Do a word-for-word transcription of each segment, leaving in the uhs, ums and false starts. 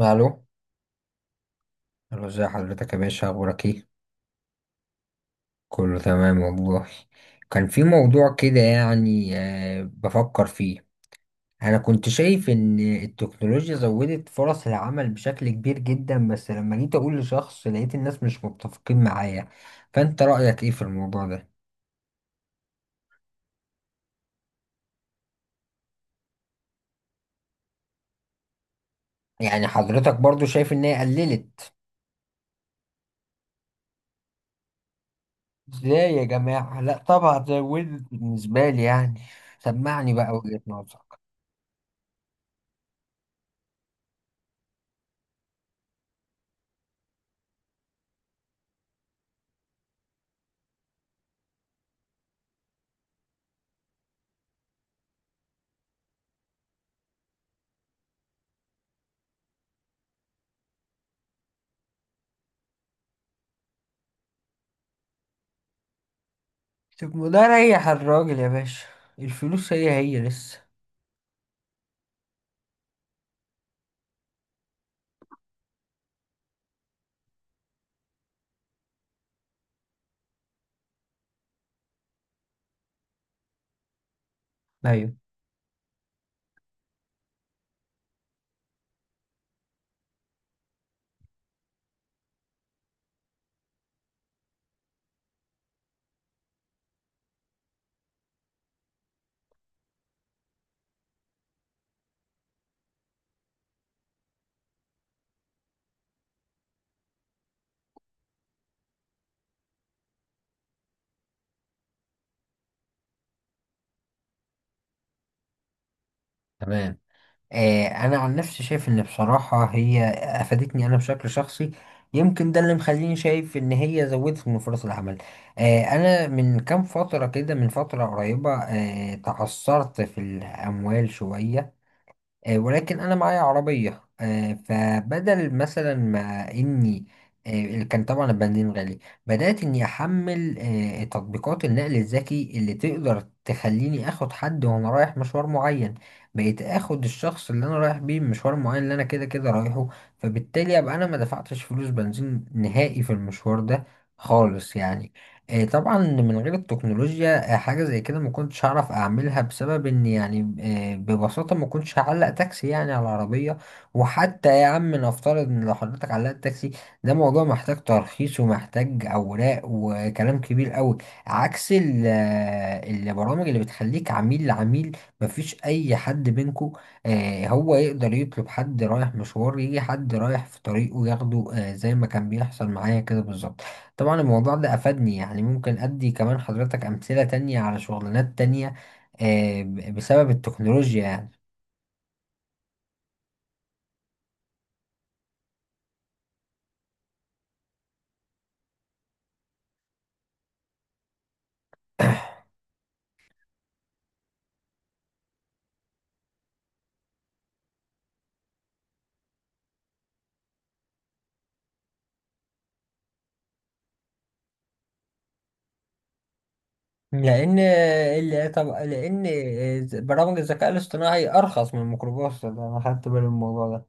الو. الو، ازي حضرتك يا باشا؟ اخبارك ايه؟ كله تمام والله. كان في موضوع كده يعني، آه، بفكر فيه. انا كنت شايف ان التكنولوجيا زودت فرص العمل بشكل كبير جدا، بس لما جيت اقول لشخص لقيت الناس مش متفقين معايا. فانت رأيك ايه في الموضوع ده؟ يعني حضرتك برضو شايف ان هي قللت؟ ازاي يا جماعة؟ لا، طبعا زودت بالنسبة لي يعني. سمعني بقى وجهة نظرك. طب ما ده ريح الراجل يا باشا. الفلوس هي هي لسه. ايوه. تمام. آه انا عن نفسي شايف ان بصراحة هي افادتني انا بشكل شخصي. يمكن ده اللي مخليني شايف ان هي زودت من فرص العمل. آه انا من كام فترة كده، من فترة قريبة آه تعثرت في الاموال شوية. آه، ولكن انا معايا عربيه، آه، فبدل مثلا ما اني، آه، اللي كان طبعا البنزين غالي، بدات اني احمل آه، تطبيقات النقل الذكي اللي تقدر تخليني اخد حد وانا رايح مشوار معين. بقيت اخد الشخص اللي انا رايح بيه مشوار معين، اللي انا كده كده رايحه. فبالتالي ابقى انا ما دفعتش فلوس بنزين نهائي في المشوار ده خالص يعني. إيه، طبعا من غير التكنولوجيا آه، حاجة زي كده ما كنتش هعرف اعملها، بسبب ان يعني آه، ببساطة ما كنتش هعلق تاكسي يعني على العربية. وحتى يا عم، نفترض ان لو حضرتك علقت تاكسي، ده موضوع محتاج ترخيص ومحتاج اوراق وكلام كبير قوي. عكس ال- آه، البرامج اللي بتخليك عميل لعميل، مفيش اي حد بينكو. آه، هو يقدر يطلب حد رايح مشوار، يجي حد رايح في طريقه ياخده، آه، زي ما كان بيحصل معايا كده بالظبط. طبعا الموضوع ده أفادني يعني. ممكن أدي كمان حضرتك أمثلة تانية على شغلانات تانية، آه، ب- بسبب التكنولوجيا يعني. لأن ال- طب لأن برامج الذكاء الاصطناعي أرخص من الميكروباص، ده أنا خدت بالي من الموضوع ده.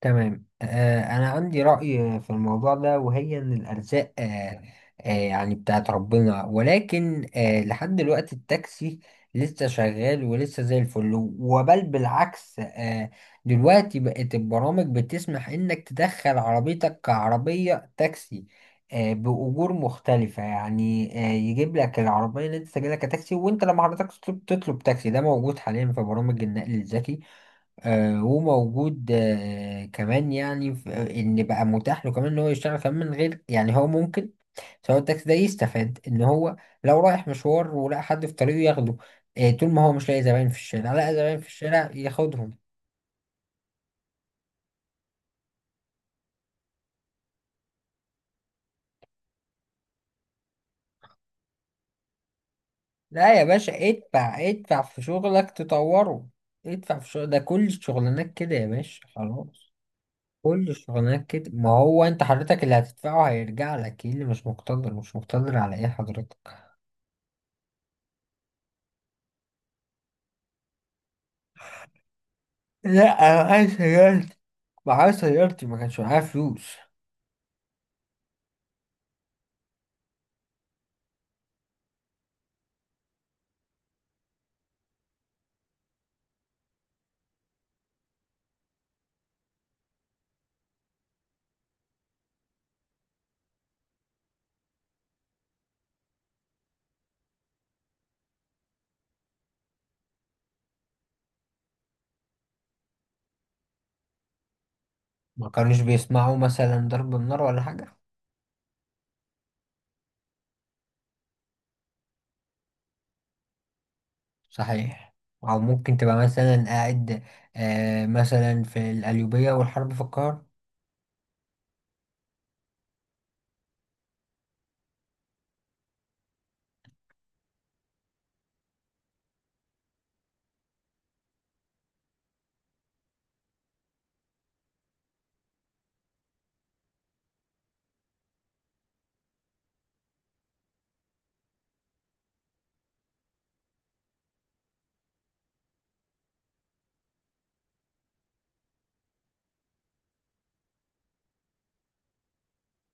تمام، آه، أنا عندي رأي في الموضوع ده، وهي إن الأرزاق، آه، آه، يعني بتاعت ربنا، ولكن آه، لحد دلوقتي التاكسي لسه شغال ولسه زي الفل، وبل بالعكس، آه، دلوقتي بقت البرامج بتسمح إنك تدخل عربيتك كعربية تاكسي آه، بأجور مختلفة يعني. آه، يجيب لك العربية اللي أنت سجلها كتاكسي، وأنت لما حضرتك تطلب تطلب تاكسي ده موجود حاليا في برامج النقل الذكي. آه، وموجود آه، كمان يعني، في- ان بقى متاح له كمان ان هو يشتغل كمان من غير يعني. هو ممكن سواق التاكسي ده يستفاد ان هو لو رايح مشوار ولقى حد في طريقه ياخده، آه، طول ما هو مش لاقي زباين في الشارع، لقى زباين في الشارع ياخدهم. لا يا باشا، ادفع ادفع في شغلك تطوره. ادفع في شغل. ده كل الشغلانات كده يا باشا، خلاص. كل الشغلانات كده. ما هو انت حضرتك اللي هتدفعه هيرجع لك، ايه اللي مش مقتدر؟ مش مقتدر على ايه حضرتك؟ لا، انا معايا سيارتي. معايا سيارتي، ما كانش معايا فلوس. ما كانوش بيسمعوا مثلا ضرب النار ولا حاجة؟ صحيح. او ممكن تبقى مثلا قاعد آه مثلا في القليوبية والحرب في القاهرة.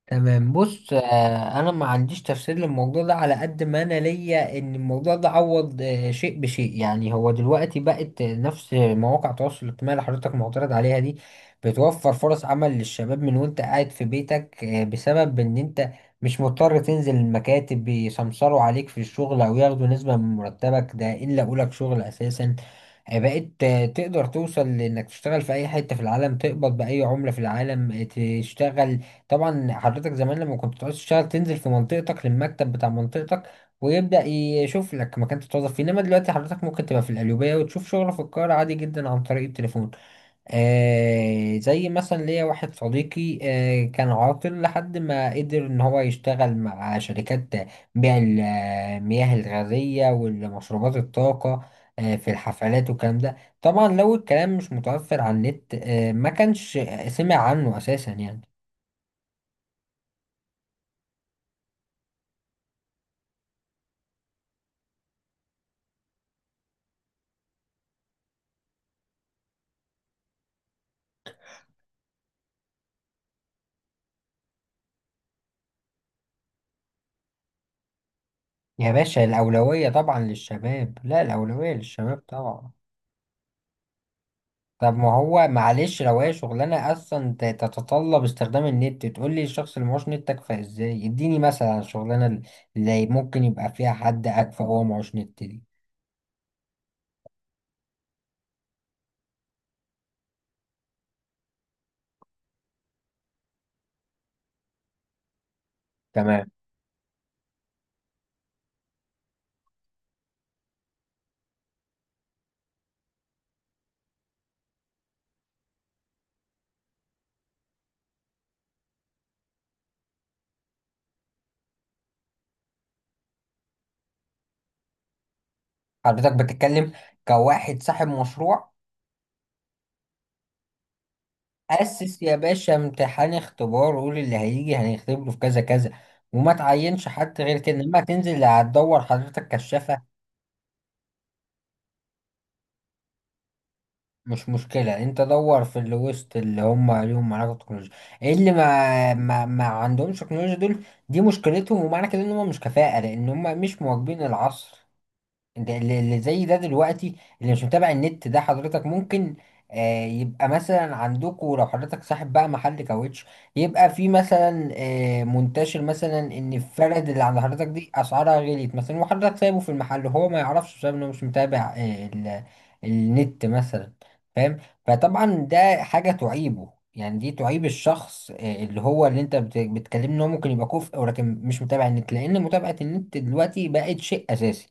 تمام، بص، آه، انا ما عنديش تفسير للموضوع ده. على قد ما انا ليا ان الموضوع ده عوض آه، شيء بشيء. يعني هو دلوقتي بقت آه، نفس مواقع التواصل الاجتماعي اللي حضرتك معترض عليها دي بتوفر فرص عمل للشباب، من وانت قاعد في بيتك، آه، بسبب ان انت مش مضطر تنزل المكاتب بيسمسروا عليك في الشغل او ياخدوا نسبة من مرتبك، ده ان لقوا لك شغل اساسا. آه، بقيت آه، تقدر توصل لانك تشتغل في اي حتة في العالم، تقبض باي عملة في العالم، آه، تشتغل. طبعا حضرتك زمان لما كنت تعوز تشتغل تنزل في منطقتك للمكتب بتاع منطقتك، ويبدأ يشوف لك مكان تتوظف فيه، انما دلوقتي حضرتك ممكن تبقى في القليوبية وتشوف شغل في القاهرة، عادي جدا، عن طريق التليفون. آه زي مثلا ليا واحد صديقي آه كان عاطل لحد ما قدر ان هو يشتغل مع شركات بيع المياه الغازية والمشروبات الطاقة آه، في الحفلات والكلام ده. طبعا لو الكلام مش متوفر على النت آه، ما كانش سمع عنه اساسا يعني. يا باشا الأولوية طبعا للشباب. لا، الأولوية للشباب طبعا. طب ما هو، معلش، لو هي شغلانة أصلا ت- تتطلب استخدام النت، تقول لي الشخص اللي معهوش نت أكفأ إزاي؟ اديني مثلا على الشغلانة اللي ممكن يبقى فيها حد أكفأ وهو معهوش نت دي. تمام. حضرتك بتتكلم كواحد صاحب مشروع. أسس يا باشا امتحان، اختبار، وقول اللي هيجي هنختبره في كذا كذا، وما تعينش حد غير كده. إنما تنزل، هتدور حضرتك كشافة؟ مش مشكلة، انت دور في اللي وسط اللي هم ليهم علاقة بالتكنولوجيا. ايه اللي ما ما, ما عندهمش تكنولوجيا؟ دول دي مشكلتهم، ومعنى كده ان هم مش كفاءة، لان هم مش مواكبين العصر. ده اللي اللي زي ده دلوقتي، اللي مش متابع النت ده. حضرتك ممكن آه يبقى مثلا عندكم، لو حضرتك صاحب بقى محل كاوتش، يبقى في مثلا آه منتشر مثلا ان الفرد اللي عند حضرتك دي اسعارها غليت مثلا، وحضرتك سايبه في المحل وهو ما يعرفش، بسبب انه مش متابع آه ال- النت مثلا. فاهم؟ فطبعا ده حاجة تعيبه. يعني دي تعيب الشخص، آه، اللي هو اللي انت بت- بتكلمني ان هو ممكن يبقى كفء ولكن مش متابع النت. لان متابعة النت دلوقتي بقت شيء اساسي.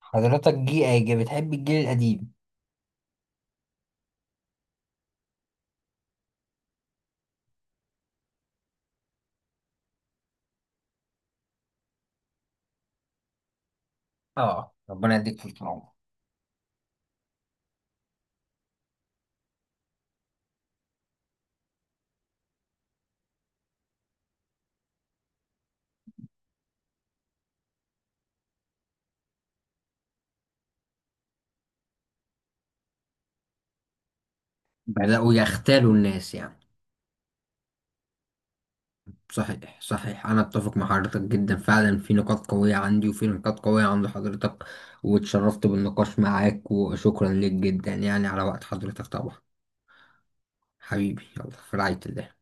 حضرتك جي ايجا بتحب الجيل القديم. اه، ربنا يديك في العمر. بدأوا يختالوا الناس يعني. صحيح، صحيح، أنا أتفق مع حضرتك جدا فعلا، في نقاط قوية عندي وفي نقاط قوية عند حضرتك. واتشرفت بالنقاش معاك، وشكرا ليك جدا يعني على وقت حضرتك طبعا. حبيبي، يلا، في رعاية الله.